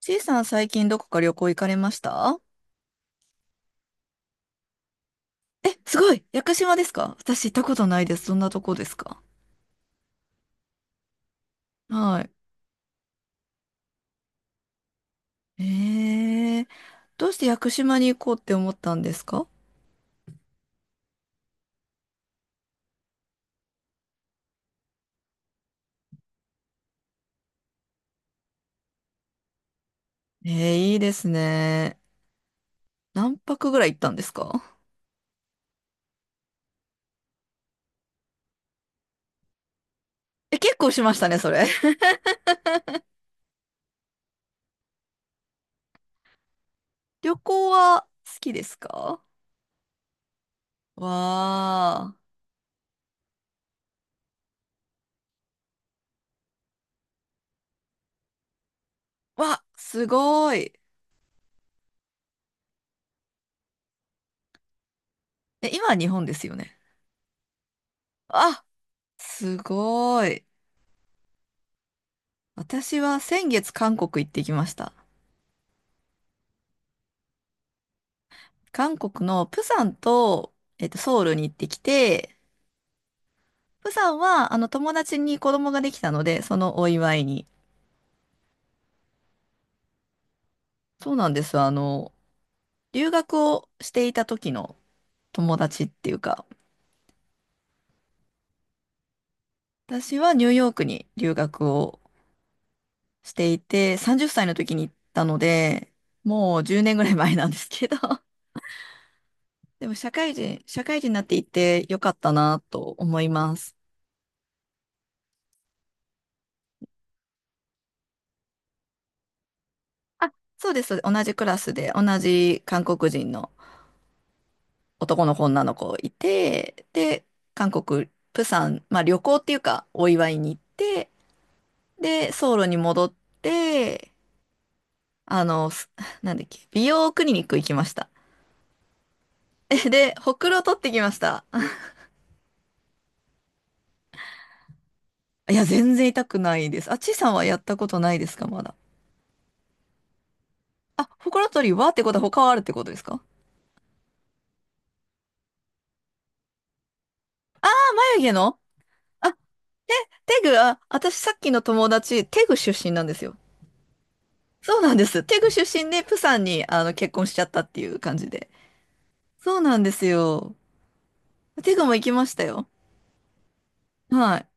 ちいさん最近どこか旅行行かれました？え、すごい屋久島ですか？私行ったことないです。どんなとこですか？はい。えー、どうして屋久島に行こうって思ったんですか？いいですね。何泊ぐらい行ったんですか？え、結構しましたね、それ。旅行は好きですか？わー。わ、すごい。え、今は日本ですよね。あ、すごい。私は先月韓国行ってきました。韓国のプサンと、ソウルに行ってきて、プサンは、友達に子供ができたので、そのお祝いに。そうなんです。留学をしていた時の友達っていうか、私はニューヨークに留学をしていて、30歳の時に行ったので、もう10年ぐらい前なんですけど、でも社会人になっていてよかったなと思います。あ、そうです。そうです、同じクラスで、同じ韓国人の男の子、女の子いて、で、韓国、プサン、まあ旅行っていうか、お祝いに行って、で、ソウルに戻って、あの、すなんだっけ、美容クリニック行きました。え、で、ほくろ取ってきました。いや、全然痛くないです。あ、ちいさんはやったことないですか、まだ。あ、ほくろ取りはってことは他はあるってことですか？眉毛の。あ、テグ、あ、私さっきの友達、テグ出身なんですよ。そうなんです。テグ出身で、プサンに、結婚しちゃったっていう感じで。そうなんですよ。テグも行きましたよ。はい。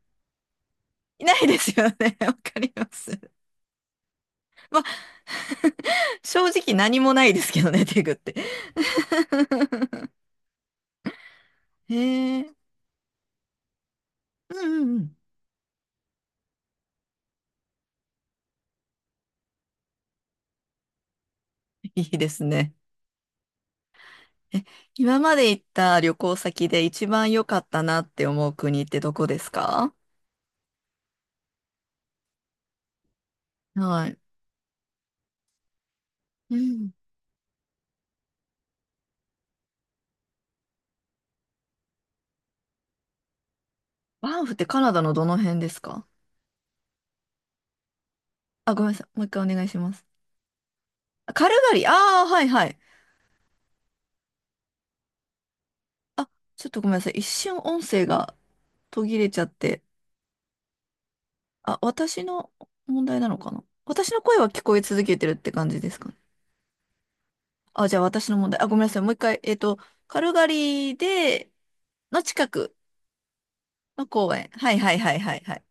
いないですよね。わかります。まあ、正直何もないですけどね、テグって。へえ。うんうんうん。いいですね。え、今まで行った旅行先で一番良かったなって思う国ってどこですか？はい。うん。バンフってカナダのどの辺ですか？あ、ごめんなさい。もう一回お願いします。あ、カルガリー。あ、あ、はいはい。あ、ちょっとごめんなさい。一瞬音声が途切れちゃって。あ、私の問題なのかな？私の声は聞こえ続けてるって感じですかね。あ、じゃあ私の問題。あ、ごめんなさい。もう一回。カルガリーで、の近くの公園。はいはいはいはいはい。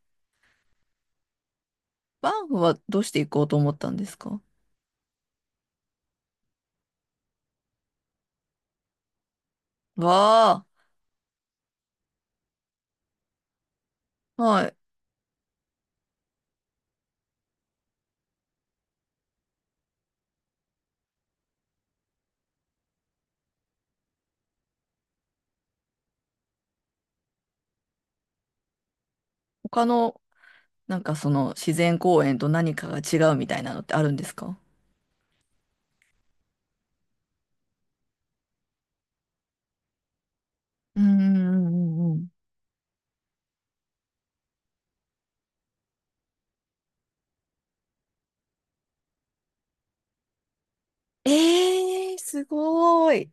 バンフはどうして行こうと思ったんですか？わあ、はい。他の、なんかその自然公園と何かが違うみたいなのってあるんですか？うんうんうんうん。ええー、すごい。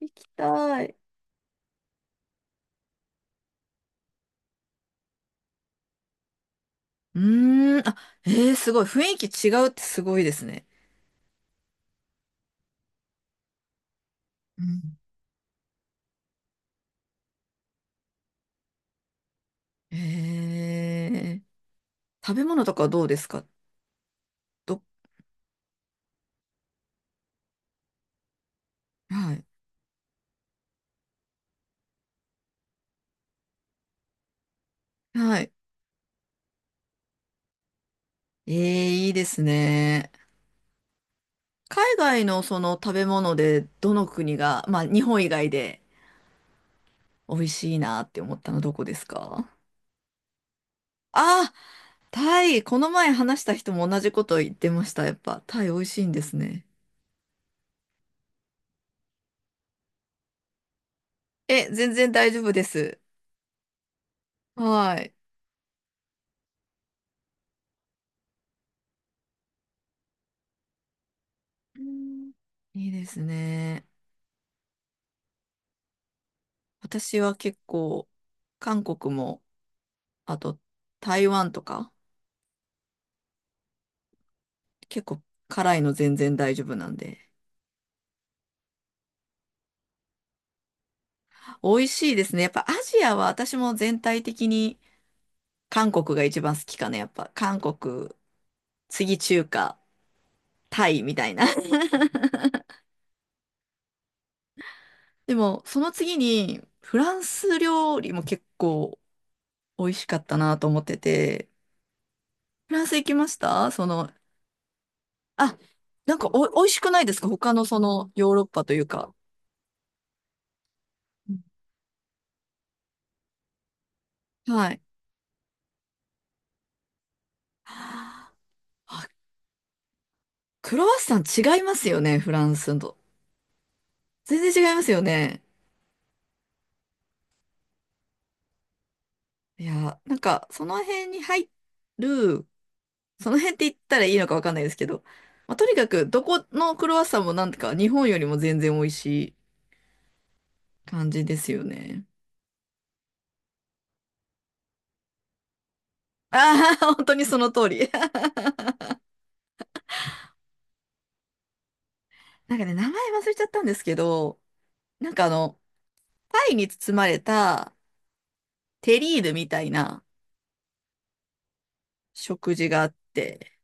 行きたい。うーん、あ、ええー、すごい。雰囲気違うってすごいですね。え食べ物とかどうですか？ど、はい。はい。ええ、いいですね。海外のその食べ物でどの国が、まあ日本以外で美味しいなって思ったのどこですか？あ、タイ。この前話した人も同じこと言ってました。やっぱタイ美味しいんですね。え、全然大丈夫です。はい。うん、いいですね。私は結構韓国も、あと台湾とか、結構辛いの全然大丈夫なんで。美味しいですね。やっぱアジアは私も全体的に韓国が一番好きかな。やっぱ韓国、次中華、タイみたいな。でもその次にフランス料理も結構美味しかったなと思ってて。フランス行きましたその、あ、なんかお、美味しくないですか他のそのヨーロッパというか。うん、はい。あ、クロワッサン違いますよね、フランスと。全然違いますよね。いや、なんか、その辺に入る、その辺って言ったらいいのかわかんないですけど、まあ、とにかく、どこのクロワッサンもなんか、日本よりも全然美味しい感じですよね。ああ、本当にその通り。なんかね、名前忘れちゃったんですけど、なんか、パイに包まれたテリーヌみたいな食事があって、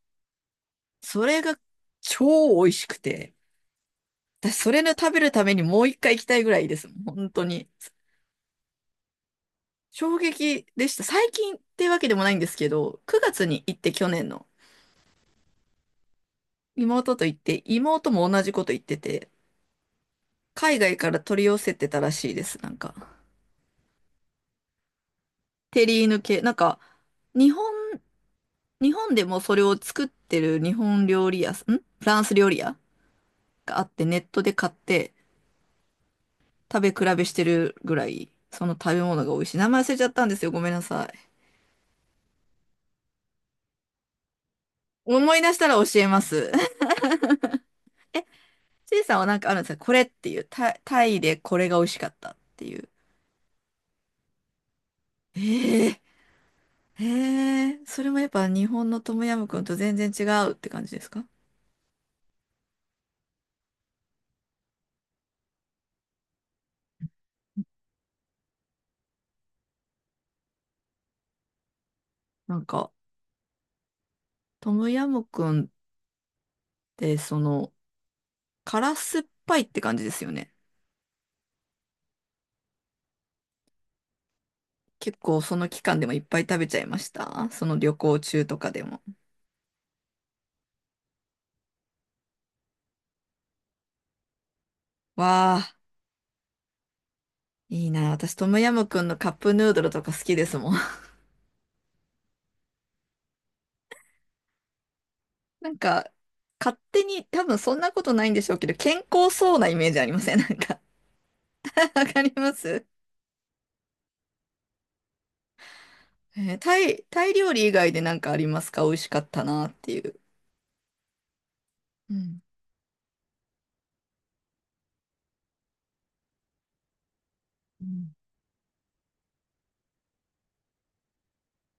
それが超美味しくて、私それの食べるためにもう一回行きたいぐらいです。本当に。衝撃でした。最近ってわけでもないんですけど、9月に行って去年の妹と行って、妹も同じこと言ってて、海外から取り寄せてたらしいです。なんか、テリーヌ系。なんか、日本、日本でもそれを作ってる日本料理屋さん、んフランス料理屋があって、ネットで買って食べ比べしてるぐらい、その食べ物が美味しい。名前忘れちゃったんですよ。ごめんなさい。思い出したら教えます。ちいさんはなんかあるんですかこれっていう、タイ、タイでこれが美味しかったっていう。ええ、ええ、それもやっぱ日本のトムヤムクンと全然違うって感じですか？なんか、トムヤムクンってその、辛酸っぱいって感じですよね。結構その期間でもいっぱい食べちゃいました。その旅行中とかでも。わあ、いいな。私トムヤムクンのカップヌードルとか好きですもん。なんか、勝手に、多分そんなことないんでしょうけど、健康そうなイメージありません？ なんか わかります。タイ、タイ料理以外でなんかありますか？美味しかったなっていう。うん。うん、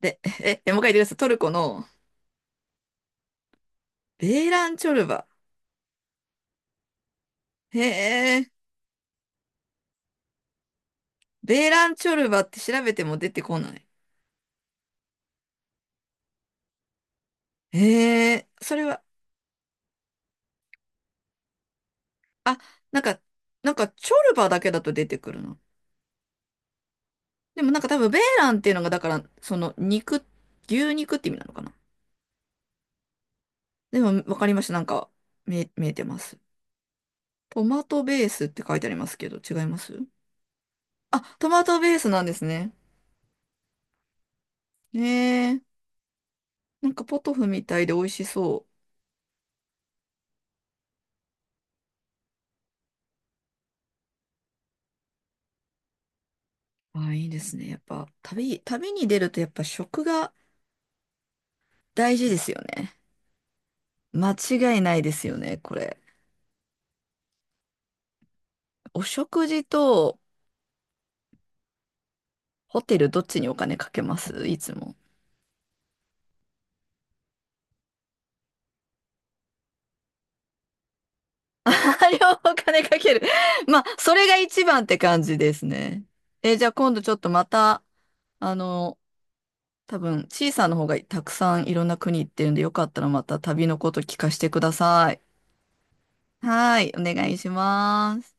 で、え、えもう一回言ってください。トルコのベーランチョルバ。へえ、ベーランチョルバって調べても出てこない。へえ、それは、あ、なんか、なんかチョルバだけだと出てくるの。でもなんか多分ベーランっていうのが、だから、その肉、牛肉って意味なのかな。でもわかりました。なんか、見え、見えてます。トマトベースって書いてありますけど、違います？あ、トマトベースなんですね。へえ、なんかポトフみたいで美味しそう。ああ、いいですね。やっぱ、旅、旅に出るとやっぱ食が大事ですよね。間違いないですよね、これ。お食事とホテルどっちにお金かけますいつも？あ、両方お金かける。まあ、それが一番って感じですね。え、じゃあ今度ちょっとまた、あの、多分、ちいさんの方がたくさんいろんな国行ってるんで、よかったらまた旅のこと聞かせてください。はい、お願いします。